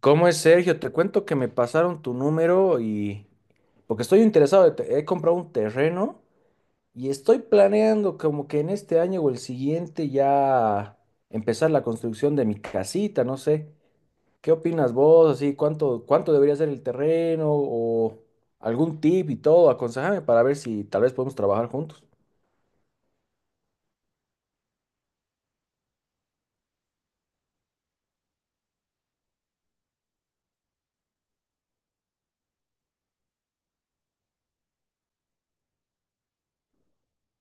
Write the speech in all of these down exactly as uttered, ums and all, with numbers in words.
¿Cómo es, Sergio? Te cuento que me pasaron tu número y, porque estoy interesado, de te- he comprado un terreno y estoy planeando como que en este año o el siguiente ya empezar la construcción de mi casita, no sé. ¿Qué opinas vos? Así, ¿cuánto, cuánto debería ser el terreno o algún tip y todo? Aconsejame para ver si tal vez podemos trabajar juntos.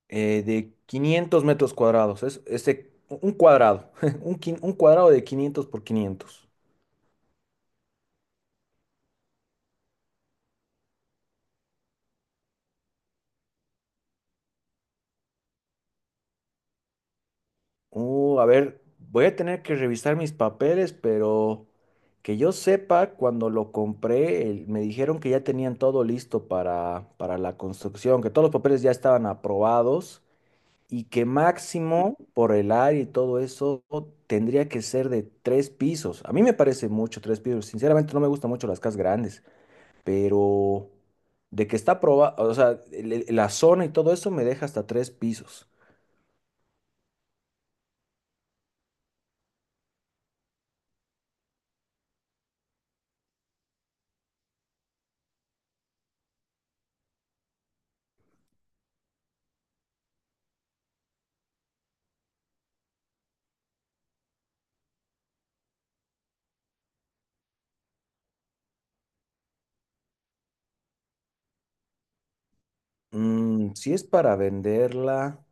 Eh, de quinientos metros cuadrados, es este, un cuadrado, un, quin- un cuadrado de quinientos por quinientos. Uh, a ver, voy a tener que revisar mis papeles, pero que yo sepa, cuando lo compré, el- me dijeron que ya tenían todo listo para, para la construcción, que todos los papeles ya estaban aprobados y que máximo por el área y todo eso tendría que ser de tres pisos. A mí me parece mucho tres pisos. Sinceramente no me gustan mucho las casas grandes, pero de que está aprobado, o sea, el- el- la zona y todo eso me deja hasta tres pisos. Mm, si es para venderla.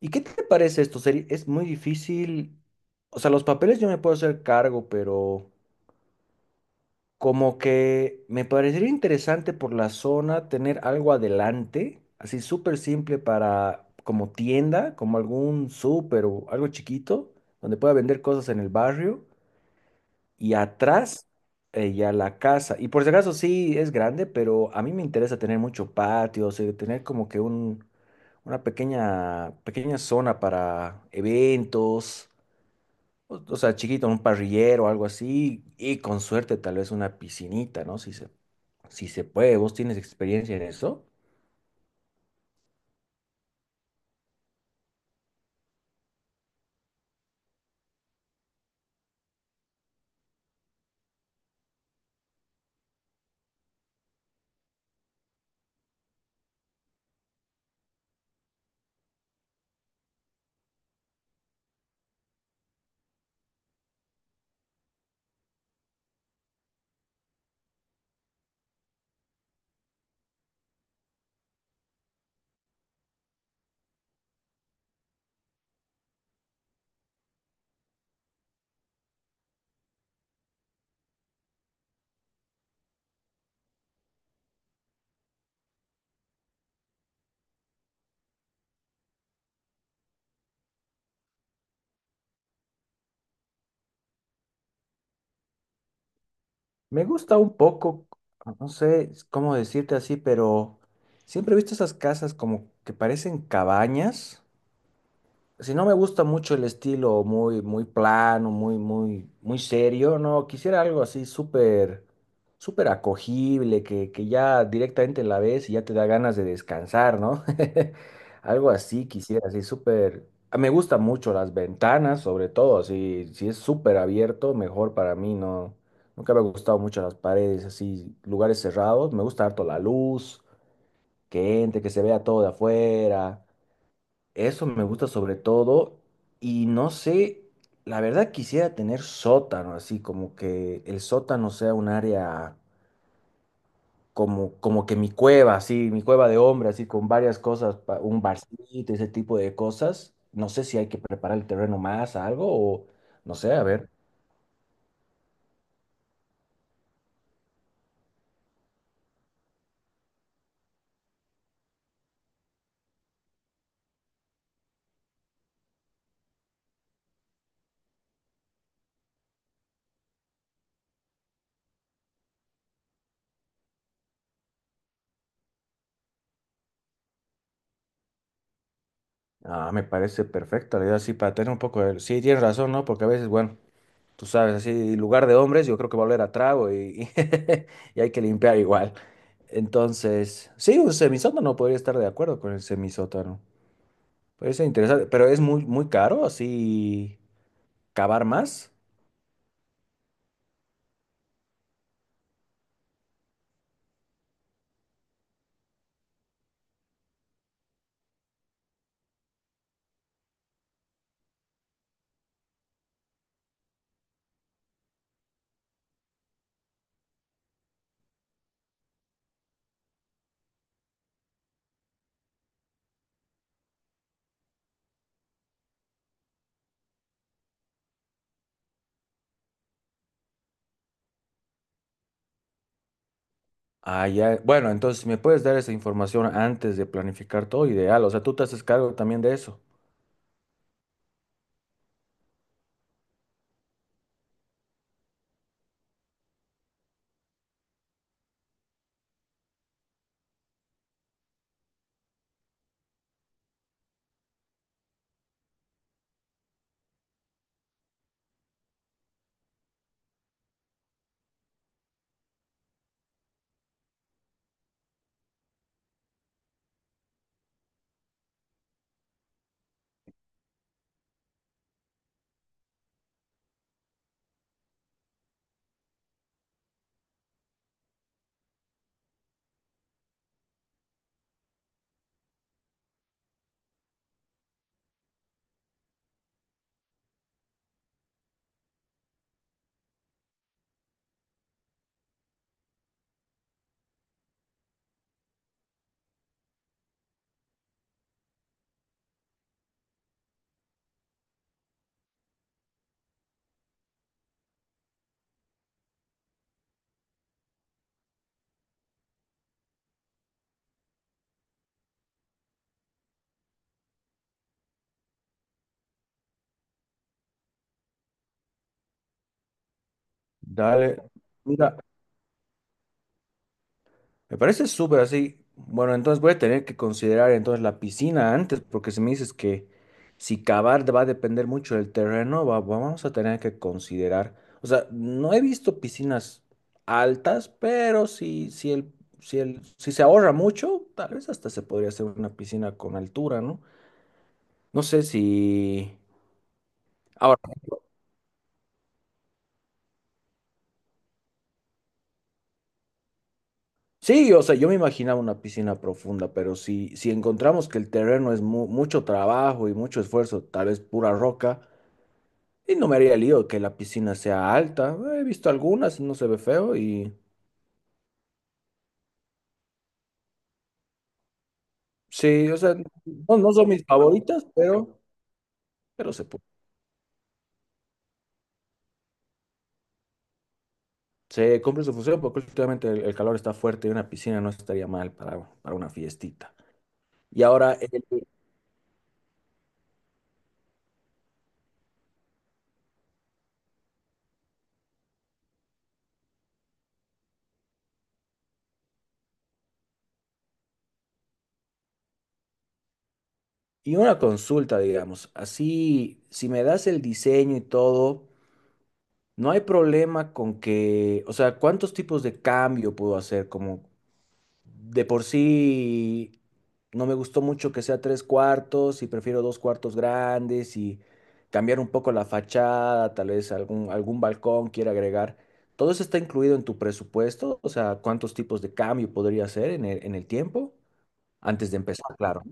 ¿Y qué te parece esto? Seri- Es muy difícil. O sea, los papeles yo me puedo hacer cargo, pero como que me parecería interesante por la zona tener algo adelante, así súper simple para como tienda, como algún súper o algo chiquito, donde pueda vender cosas en el barrio y atrás, eh, ya la casa. Y por si acaso sí es grande, pero a mí me interesa tener mucho patio, o sea, tener como que un una pequeña, pequeña zona para eventos, o, o sea, chiquito, un parrillero o algo así, y con suerte tal vez una piscinita, ¿no? Si se, si se puede, ¿vos tienes experiencia en eso? Me gusta un poco, no sé cómo decirte así, pero siempre he visto esas casas como que parecen cabañas. Si no me gusta mucho el estilo muy, muy plano, muy, muy, muy serio, no, quisiera algo así súper, súper acogible, que, que ya directamente la ves y ya te da ganas de descansar, ¿no? Algo así quisiera, así súper. Ah, me gusta mucho las ventanas, sobre todo, si, si es súper abierto, mejor para mí, ¿no? Nunca me ha gustado mucho las paredes, así, lugares cerrados, me gusta harto la luz, que entre, que se vea todo de afuera. Eso me gusta sobre todo y no sé, la verdad quisiera tener sótano, así como que el sótano sea un área como, como que mi cueva, así, mi cueva de hombre, así con varias cosas, pa- un barcito, ese tipo de cosas. No sé si hay que preparar el terreno más, algo o no sé, a ver. Ah, me parece perfecta la idea, sí, para tener un poco de. Sí, tienes razón, ¿no? Porque a veces, bueno, tú sabes, así, lugar de hombres, yo creo que va a oler a trago y, y hay que limpiar igual. Entonces, sí, un semisótano podría estar de acuerdo con el semisótano. Puede ser interesante, pero es muy, muy caro así cavar más. Ah, ya. Bueno, entonces si me puedes dar esa información antes de planificar todo, ideal. O sea, tú te haces cargo también de eso. Dale. Mira, me parece súper así. Bueno, entonces voy a tener que considerar entonces la piscina antes, porque si me dices que si cavar va a depender mucho del terreno, va- vamos a tener que considerar. O sea, no he visto piscinas altas, pero si, si el, si el, si se ahorra mucho, tal vez hasta se podría hacer una piscina con altura, ¿no? No sé si. Ahora, sí, o sea, yo me imaginaba una piscina profunda, pero si, si encontramos que el terreno es mu- mucho trabajo y mucho esfuerzo, tal vez pura roca. Y no me haría lío que la piscina sea alta. He visto algunas, no se ve feo y sí, o sea, no, no son mis favoritas, pero, pero se, pu- se cumple su función porque últimamente el, el calor está fuerte y una piscina no estaría mal para, para una fiestita. Y ahora, el- y una consulta, digamos, así, si me das el diseño y todo, no hay problema con que, o sea, ¿cuántos tipos de cambio puedo hacer? Como de por sí no me gustó mucho que sea tres cuartos y prefiero dos cuartos grandes y cambiar un poco la fachada, tal vez algún, algún balcón quiera agregar. ¿Todo eso está incluido en tu presupuesto? O sea, ¿cuántos tipos de cambio podría hacer en el, en el tiempo? Antes de empezar, claro.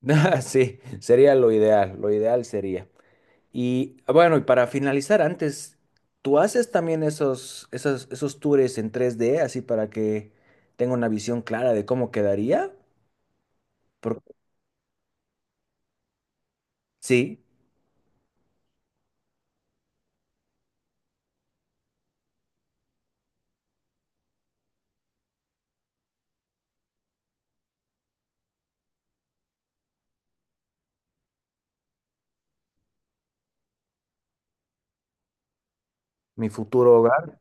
Sí, sería lo ideal, lo ideal sería. Y ah, bueno, y para finalizar, antes, ¿tú haces también esos, esos, esos tours en tres D, así para que tenga una visión clara de cómo quedaría? Porque sí, mi futuro hogar.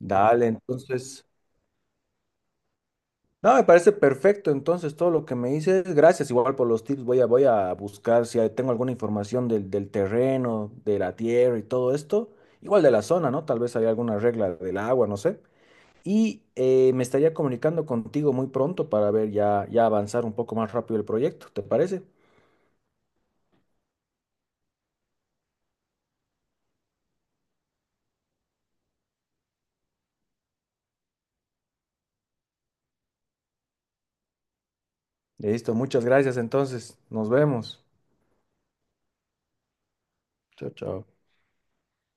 Dale, entonces. No, me parece perfecto. Entonces, todo lo que me dices, gracias igual por los tips. Voy a, voy a buscar si hay- tengo alguna información del, del terreno, de la tierra y todo esto. Igual de la zona, ¿no? Tal vez hay alguna regla del agua, no sé. y eh, me estaría comunicando contigo muy pronto para ver ya, ya avanzar un poco más rápido el proyecto, ¿te parece? Listo, muchas gracias entonces, nos vemos. Chao, chao.